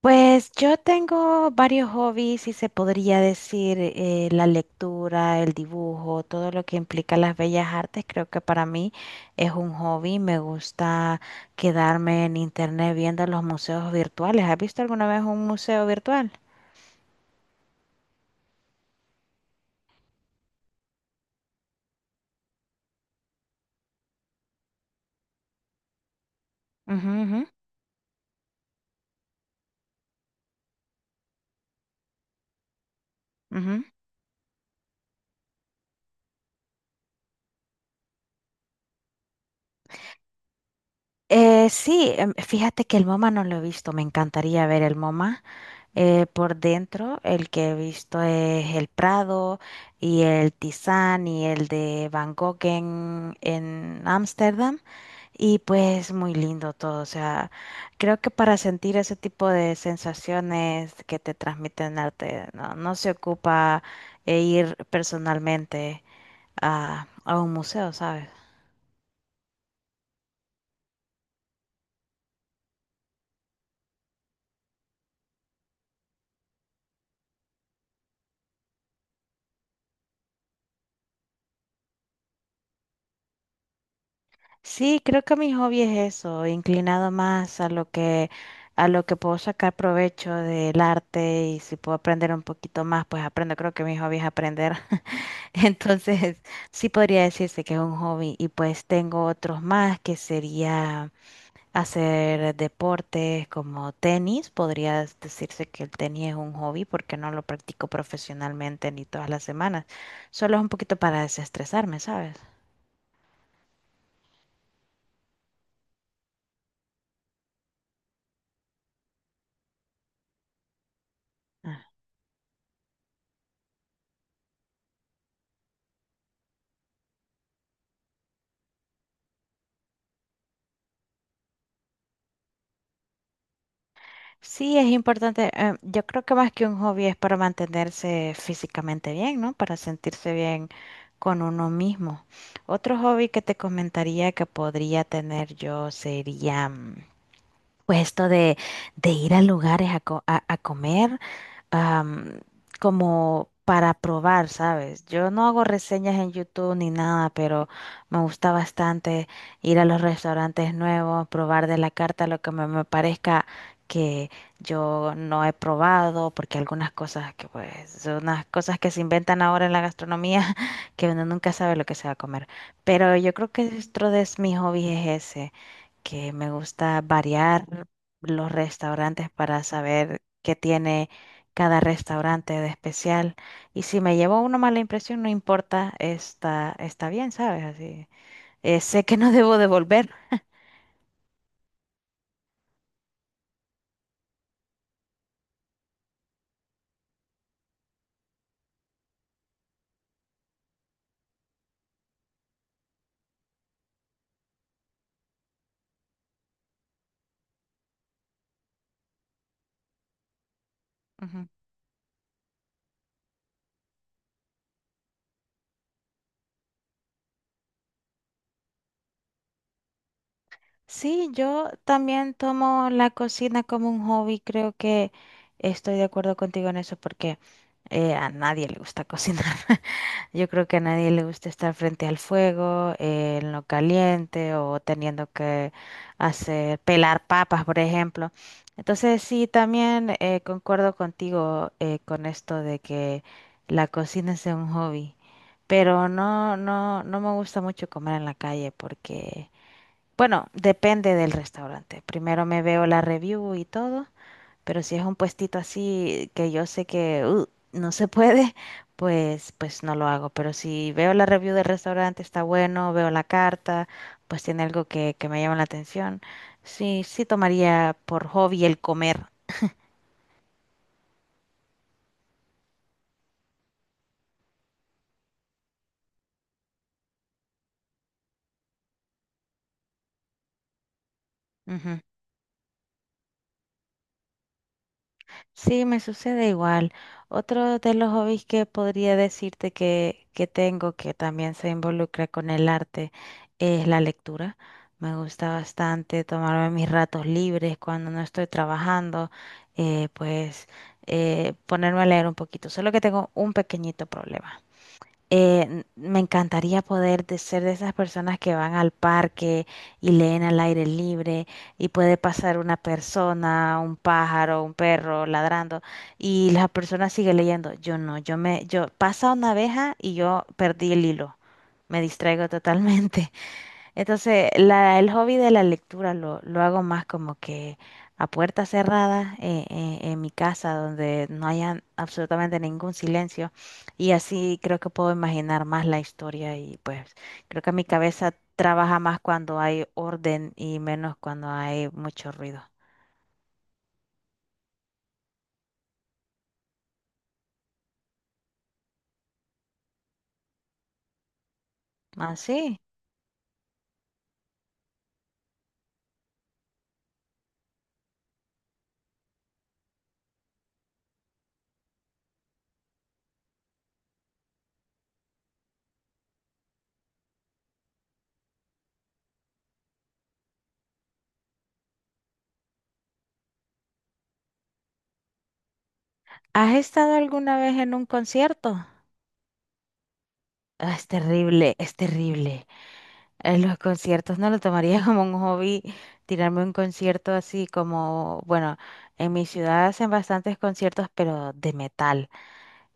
Pues yo tengo varios hobbies, si se podría decir, la lectura, el dibujo, todo lo que implica las bellas artes, creo que para mí es un hobby. Me gusta quedarme en internet viendo los museos virtuales. ¿Has visto alguna vez un museo virtual? Ujú, ujú, ujú. Sí, fíjate que el MoMA no lo he visto, me encantaría ver el MoMA por dentro. El que he visto es el Prado y el Tizán y el de Van Gogh en Ámsterdam. Y pues muy lindo todo, o sea, creo que para sentir ese tipo de sensaciones que te transmiten arte, no, no se ocupa ir personalmente a un museo, ¿sabes? Sí, creo que mi hobby es eso, inclinado más a lo que puedo sacar provecho del arte, y si puedo aprender un poquito más, pues aprendo. Creo que mi hobby es aprender. Entonces, sí podría decirse que es un hobby, y pues tengo otros más que sería hacer deportes como tenis. Podría decirse que el tenis es un hobby porque no lo practico profesionalmente ni todas las semanas. Solo es un poquito para desestresarme, ¿sabes? Sí, es importante. Yo creo que más que un hobby es para mantenerse físicamente bien, ¿no? Para sentirse bien con uno mismo. Otro hobby que te comentaría que podría tener yo sería, pues esto de ir a lugares a, a comer, am, como para probar, ¿sabes? Yo no hago reseñas en YouTube ni nada, pero me gusta bastante ir a los restaurantes nuevos, probar de la carta lo que me parezca que yo no he probado, porque algunas cosas que pues son unas cosas que se inventan ahora en la gastronomía que uno nunca sabe lo que se va a comer. Pero yo creo que dentro de mis hobbies es ese, que me gusta variar los restaurantes para saber qué tiene cada restaurante de especial. Y si me llevo una mala impresión, no importa, está bien, ¿sabes? Así, sé que no debo devolver. Sí, yo también tomo la cocina como un hobby. Creo que estoy de acuerdo contigo en eso porque a nadie le gusta cocinar. Yo creo que a nadie le gusta estar frente al fuego, en lo caliente, o teniendo que hacer pelar papas, por ejemplo. Entonces, sí, también concuerdo contigo con esto de que la cocina sea un hobby. Pero no me gusta mucho comer en la calle porque bueno, depende del restaurante. Primero me veo la review y todo, pero si es un puestito así que yo sé que no se puede, pues no lo hago. Pero si veo la review del restaurante, está bueno, veo la carta, pues tiene algo que me llama la atención. Sí, sí tomaría por hobby el comer. Sí, me sucede igual. Otro de los hobbies que podría decirte que tengo, que también se involucra con el arte, es la lectura. Me gusta bastante tomarme mis ratos libres cuando no estoy trabajando, eh, pues ponerme a leer un poquito. Solo que tengo un pequeñito problema. Eh, Me encantaría poder ser de esas personas que van al parque y leen al aire libre, y puede pasar una persona, un pájaro, un perro ladrando, y la persona sigue leyendo. Yo no, yo me, Yo pasa una abeja y yo perdí el hilo. Me distraigo totalmente. Entonces, el hobby de la lectura lo hago más como que a puerta cerrada, en mi casa, donde no haya absolutamente ningún silencio. Y así creo que puedo imaginar más la historia, y pues creo que mi cabeza trabaja más cuando hay orden y menos cuando hay mucho ruido. Ah, sí. ¿Has estado alguna vez en un concierto? Ah, es terrible, es terrible. Los conciertos no lo tomaría como un hobby, tirarme un concierto así como, bueno, en mi ciudad hacen bastantes conciertos, pero de metal.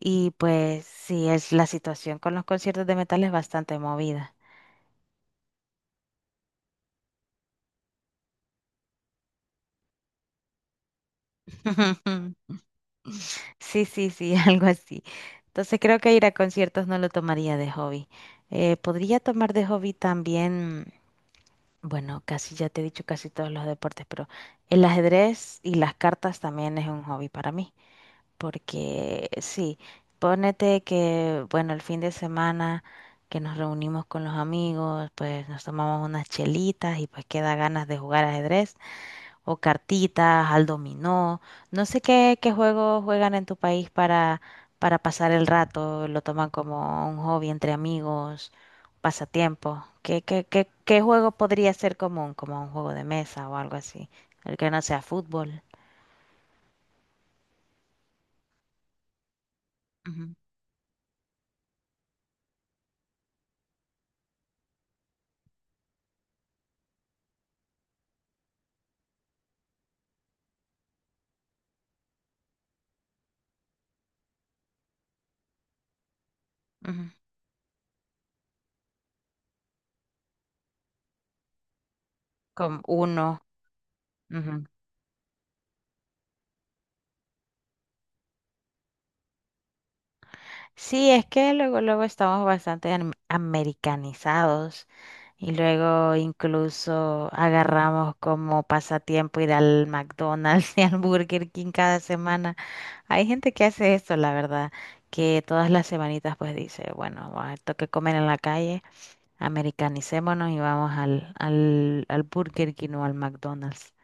Y pues sí, es la situación con los conciertos de metal es bastante movida. Sí, sí, sí, algo así. Entonces creo que ir a conciertos no lo tomaría de hobby. Podría tomar de hobby también. Bueno, casi ya te he dicho casi todos los deportes, pero el ajedrez y las cartas también es un hobby para mí, porque sí, ponete que, bueno, el fin de semana que nos reunimos con los amigos, pues nos tomamos unas chelitas y pues queda ganas de jugar ajedrez o cartitas, al dominó. No sé qué juegos juegan en tu país para pasar el rato, lo toman como un hobby entre amigos, pasatiempo. Qué juego podría ser común, como un juego de mesa o algo así? El que no sea fútbol. Ujú, ujú. Como uno. Sí, es que luego estamos bastante americanizados, y luego incluso agarramos como pasatiempo ir al McDonald's y al Burger King cada semana. Hay gente que hace esto, la verdad, que todas las semanitas pues dice, bueno, va, toque comer en la calle, americanicémonos y vamos al Burger King o al McDonald's.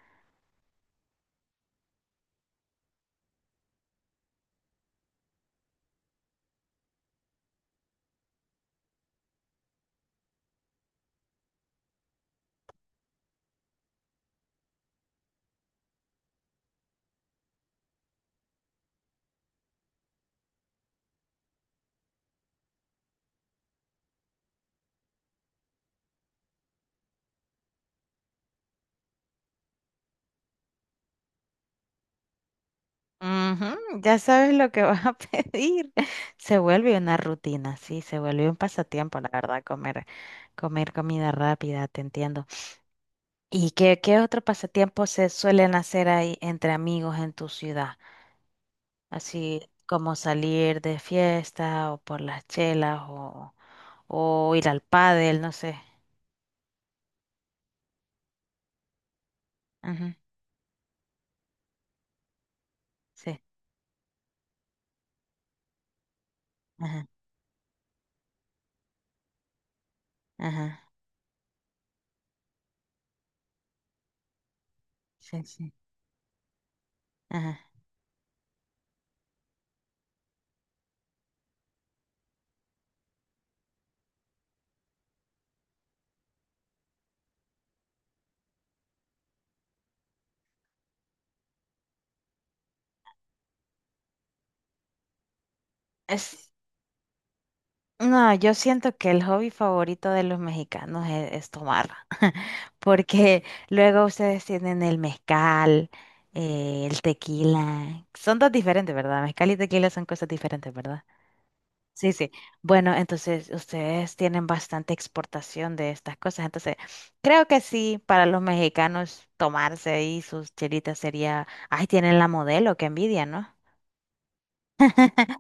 Ujú, ya sabes lo que vas a pedir. Se vuelve una rutina, sí, se vuelve un pasatiempo, la verdad, comer comida rápida, te entiendo. ¿Y qué otro pasatiempo se suelen hacer ahí entre amigos en tu ciudad? Así como salir de fiesta o por las chelas, o ir al pádel, no sé. Ajá, sí, ajá, ajá, sí, sí, ajá. No, yo siento que el hobby favorito de los mexicanos es tomar, porque luego ustedes tienen el mezcal, el tequila, son dos diferentes, ¿verdad? Mezcal y tequila son cosas diferentes, ¿verdad? Sí, sí. Bueno, entonces ustedes tienen bastante exportación de estas cosas, entonces creo que sí, para los mexicanos tomarse ahí sus chelitas sería, ay, tienen la Modelo, qué envidia, ¿no?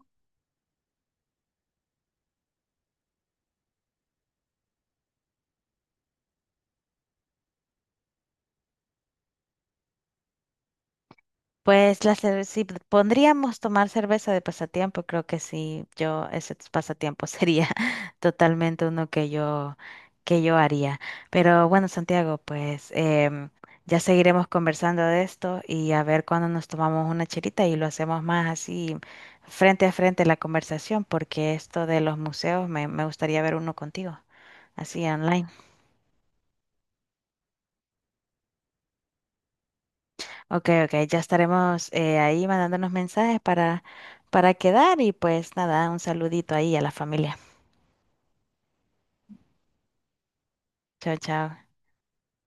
Pues la si pondríamos tomar cerveza de pasatiempo, creo que sí, yo ese pasatiempo sería totalmente uno que yo haría. Pero bueno, Santiago, pues ya seguiremos conversando de esto, y a ver cuándo nos tomamos una chelita y lo hacemos más así frente a frente la conversación, porque esto de los museos me gustaría ver uno contigo, así online. Ok, ok, ya estaremos ahí mandándonos mensajes para quedar, y pues nada, un saludito ahí a la familia. Chao, chao.